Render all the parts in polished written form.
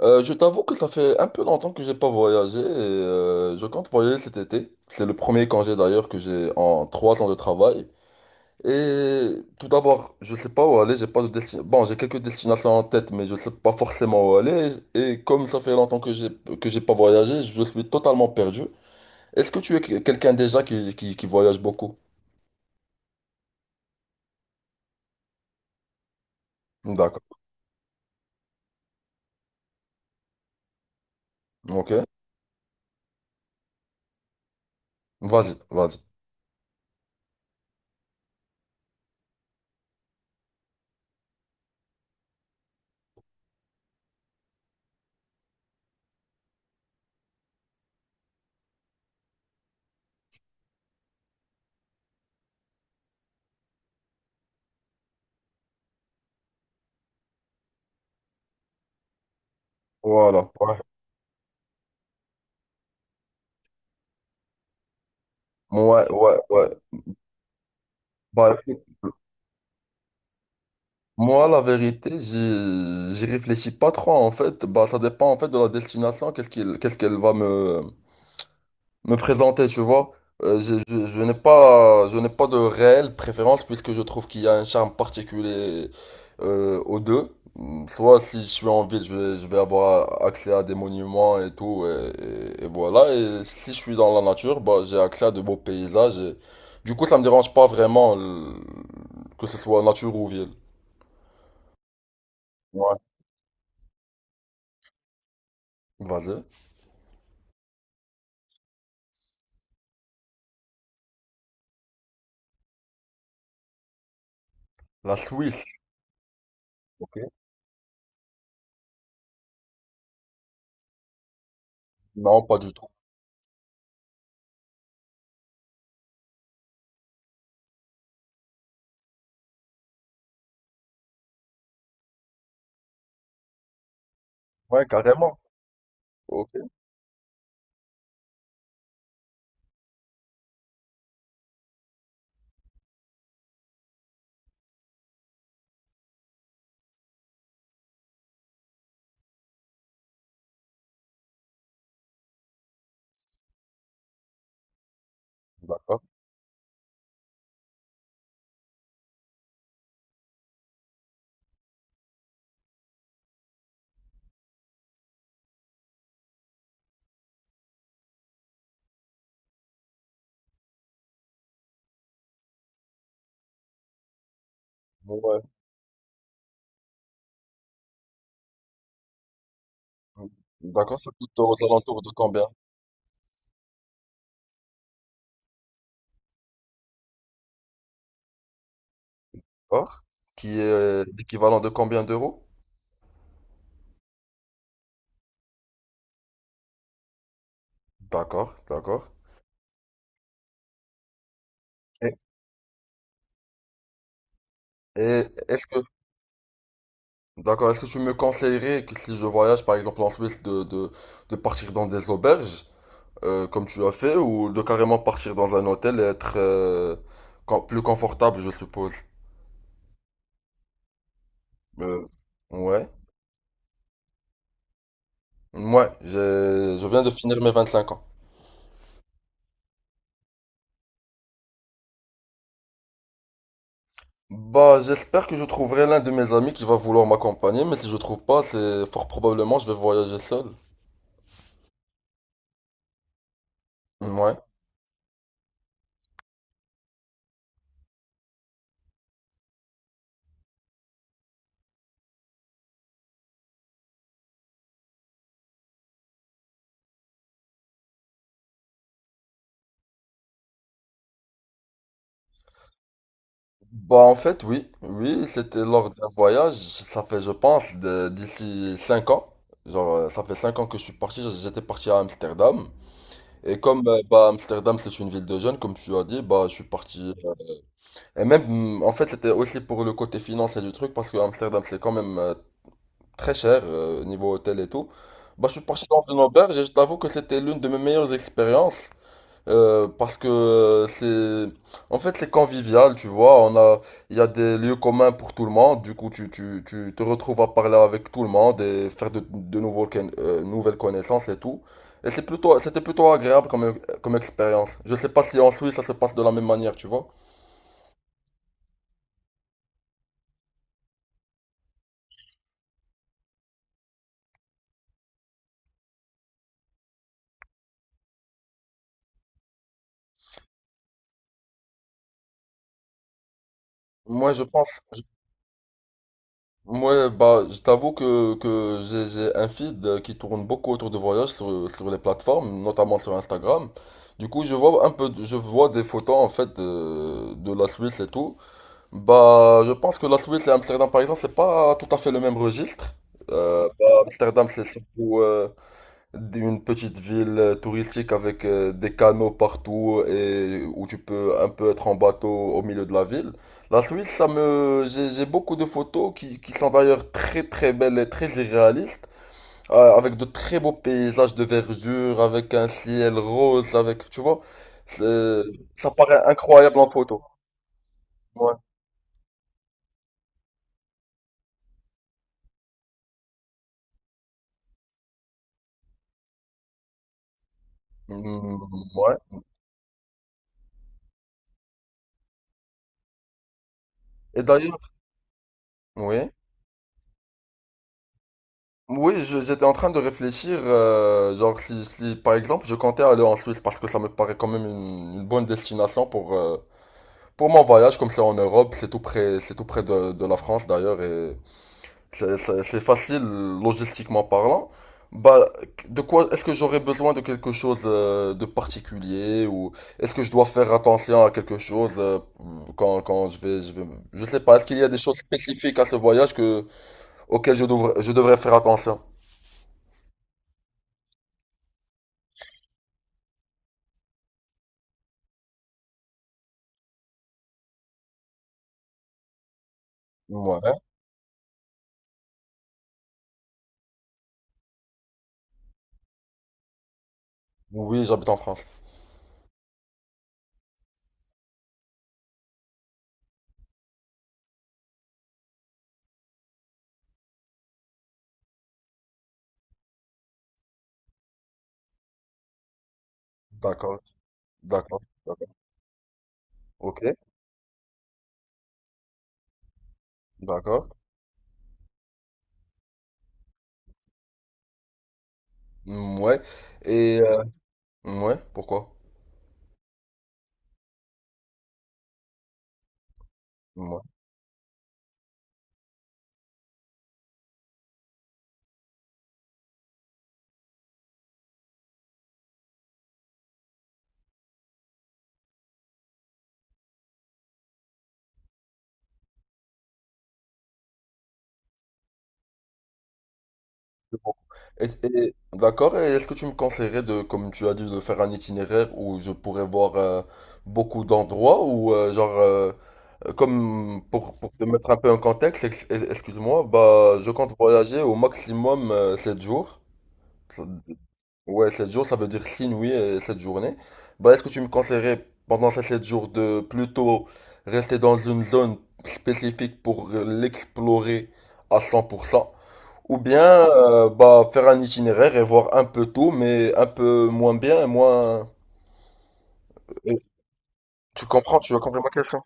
Je t'avoue que ça fait un peu longtemps que j'ai pas voyagé et je compte voyager cet été. C'est le premier congé d'ailleurs que j'ai en trois ans de travail. Et tout d'abord, je sais pas où aller, j'ai pas de destination. Bon, j'ai quelques destinations en tête, mais je sais pas forcément où aller. Et comme ça fait longtemps que j'ai pas voyagé, je suis totalement perdu. Est-ce que tu es quelqu'un déjà qui voyage beaucoup? D'accord. Ok. Vas-y, vas-y. Voilà. Ouais. Ouais, ouais, ouais. Bah, écoute. Moi, la vérité, j'y réfléchis pas trop en fait. Bah, ça dépend en fait de la destination, qu'est-ce qu'elle va me présenter, tu vois. Je n'ai pas de réelle préférence puisque je trouve qu'il y a un charme particulier aux deux. Mm, soit si je suis en ville, je vais avoir accès à des monuments et tout, et voilà. Et si je suis dans la nature, bah, j'ai accès à de beaux paysages. Du coup, ça me dérange pas vraiment que ce soit nature ou ville. Ouais. Vas-y. La Suisse, ok. Non, pas du tout. Ouais, carrément. Ok, d'accord. Bon, ouais. D'accord, ça coûte aux alentours de combien? D'accord. Qui est l'équivalent de combien d'euros? D'accord, d'accord. Et, et est-ce que, d'accord, est-ce que tu me conseillerais que si je voyage par exemple en Suisse de partir dans des auberges, comme tu as fait, ou de carrément partir dans un hôtel et être plus confortable, je suppose? Euh, ouais. Moi, je viens de finir mes 25 ans. Bah, j'espère que je trouverai l'un de mes amis qui va vouloir m'accompagner, mais si je trouve pas, c'est fort probablement je vais voyager seul. Ouais. Bah, en fait, oui, oui, c'était lors d'un voyage, ça fait, je pense, d'ici 5 ans. Genre, ça fait 5 ans que je suis parti, j'étais parti à Amsterdam. Et comme, bah, Amsterdam, c'est une ville de jeunes, comme tu as dit, bah, je suis parti. Et même, en fait, c'était aussi pour le côté financier du truc, parce que Amsterdam, c'est quand même très cher niveau hôtel et tout. Bah, je suis parti dans une auberge et je t'avoue que c'était l'une de mes meilleures expériences parce que c'est en fait c'est convivial, tu vois. On a il y a des lieux communs pour tout le monde. Du coup, tu te retrouves à parler avec tout le monde et faire de nouvelles connaissances et tout. Et c'était plutôt agréable comme expérience. Je sais pas si en Suisse ça se passe de la même manière, tu vois. Moi, je pense. Ouais, bah, je t'avoue que j'ai un feed qui tourne beaucoup autour de voyages sur les plateformes, notamment sur Instagram. Du coup, je vois un peu, je vois des photos en fait de la Suisse et tout. Bah, je pense que la Suisse et Amsterdam, par exemple, c'est pas tout à fait le même registre. Bah, Amsterdam, c'est surtout, une petite ville touristique avec des canaux partout et où tu peux un peu être en bateau au milieu de la ville. La Suisse, j'ai beaucoup de photos qui sont d'ailleurs très très belles et très irréalistes, avec de très beaux paysages de verdure, avec un ciel rose, avec, tu vois, c'est- ça paraît incroyable en photo. Ouais. Mm, ouais. Et d'ailleurs, oui. Oui, j'étais en train de réfléchir, genre si, par exemple je comptais aller en Suisse parce que ça me paraît quand même une bonne destination pour mon voyage, comme c'est en Europe, c'est tout près de la France d'ailleurs et c'est facile logistiquement parlant. Bah, de quoi est-ce que j'aurais besoin de quelque chose de particulier ou est-ce que je dois faire attention à quelque chose quand je vais, je sais pas, est-ce qu'il y a des choses spécifiques à ce voyage auxquelles je devrais faire attention? Ouais. Oui, j'habite en France. D'accord, d'accord. Ok, d'accord. Mm, ouais. Et ouais, pourquoi? Ouais, c'est pour- d'accord, et est-ce que tu me conseillerais de, comme tu as dit, de faire un itinéraire où je pourrais voir beaucoup d'endroits ou comme pour te mettre un peu en contexte, excuse-moi, bah je compte voyager au maximum 7 jours. Ouais, 7 jours, ça veut dire signe, oui, et 7 journées. Bah, est-ce que tu me conseillerais pendant ces 7 jours de plutôt rester dans une zone spécifique pour l'explorer à 100%, ou bien bah, faire un itinéraire et voir un peu tout, mais un peu moins bien et moins... Et tu comprends, tu as compris ma question?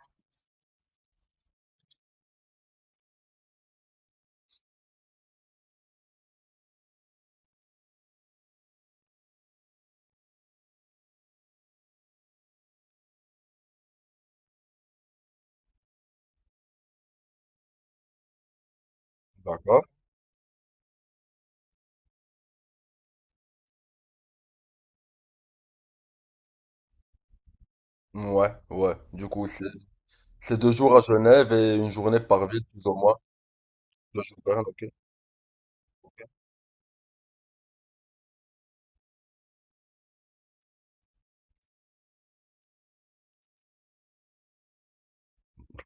D'accord. Ouais, ouais. Du coup, c'est deux jours à Genève et une journée par ville, plus ou moins. Deux jours, par an, ok.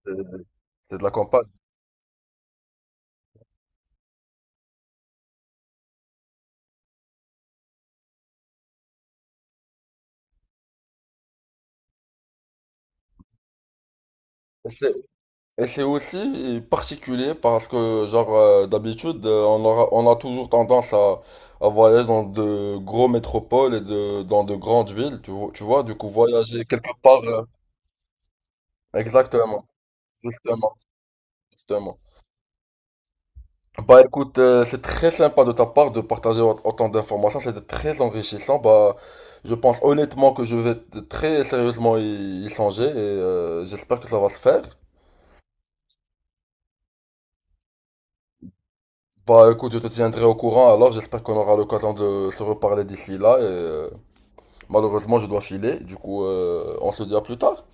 C'est c'est de la campagne. Et c'est aussi particulier parce que, genre, d'habitude, on a toujours tendance à voyager dans de gros métropoles et dans de grandes villes, tu vois, du coup, voyager quelque part. Exactement, justement, justement. Bah écoute, c'est très sympa de ta part de partager autant d'informations, c'était très enrichissant. Bah, je pense honnêtement que je vais très sérieusement y songer et j'espère que ça va se faire. Bah écoute, je te tiendrai au courant alors, j'espère qu'on aura l'occasion de se reparler d'ici là. Et, malheureusement, je dois filer, du coup, on se dit à plus tard.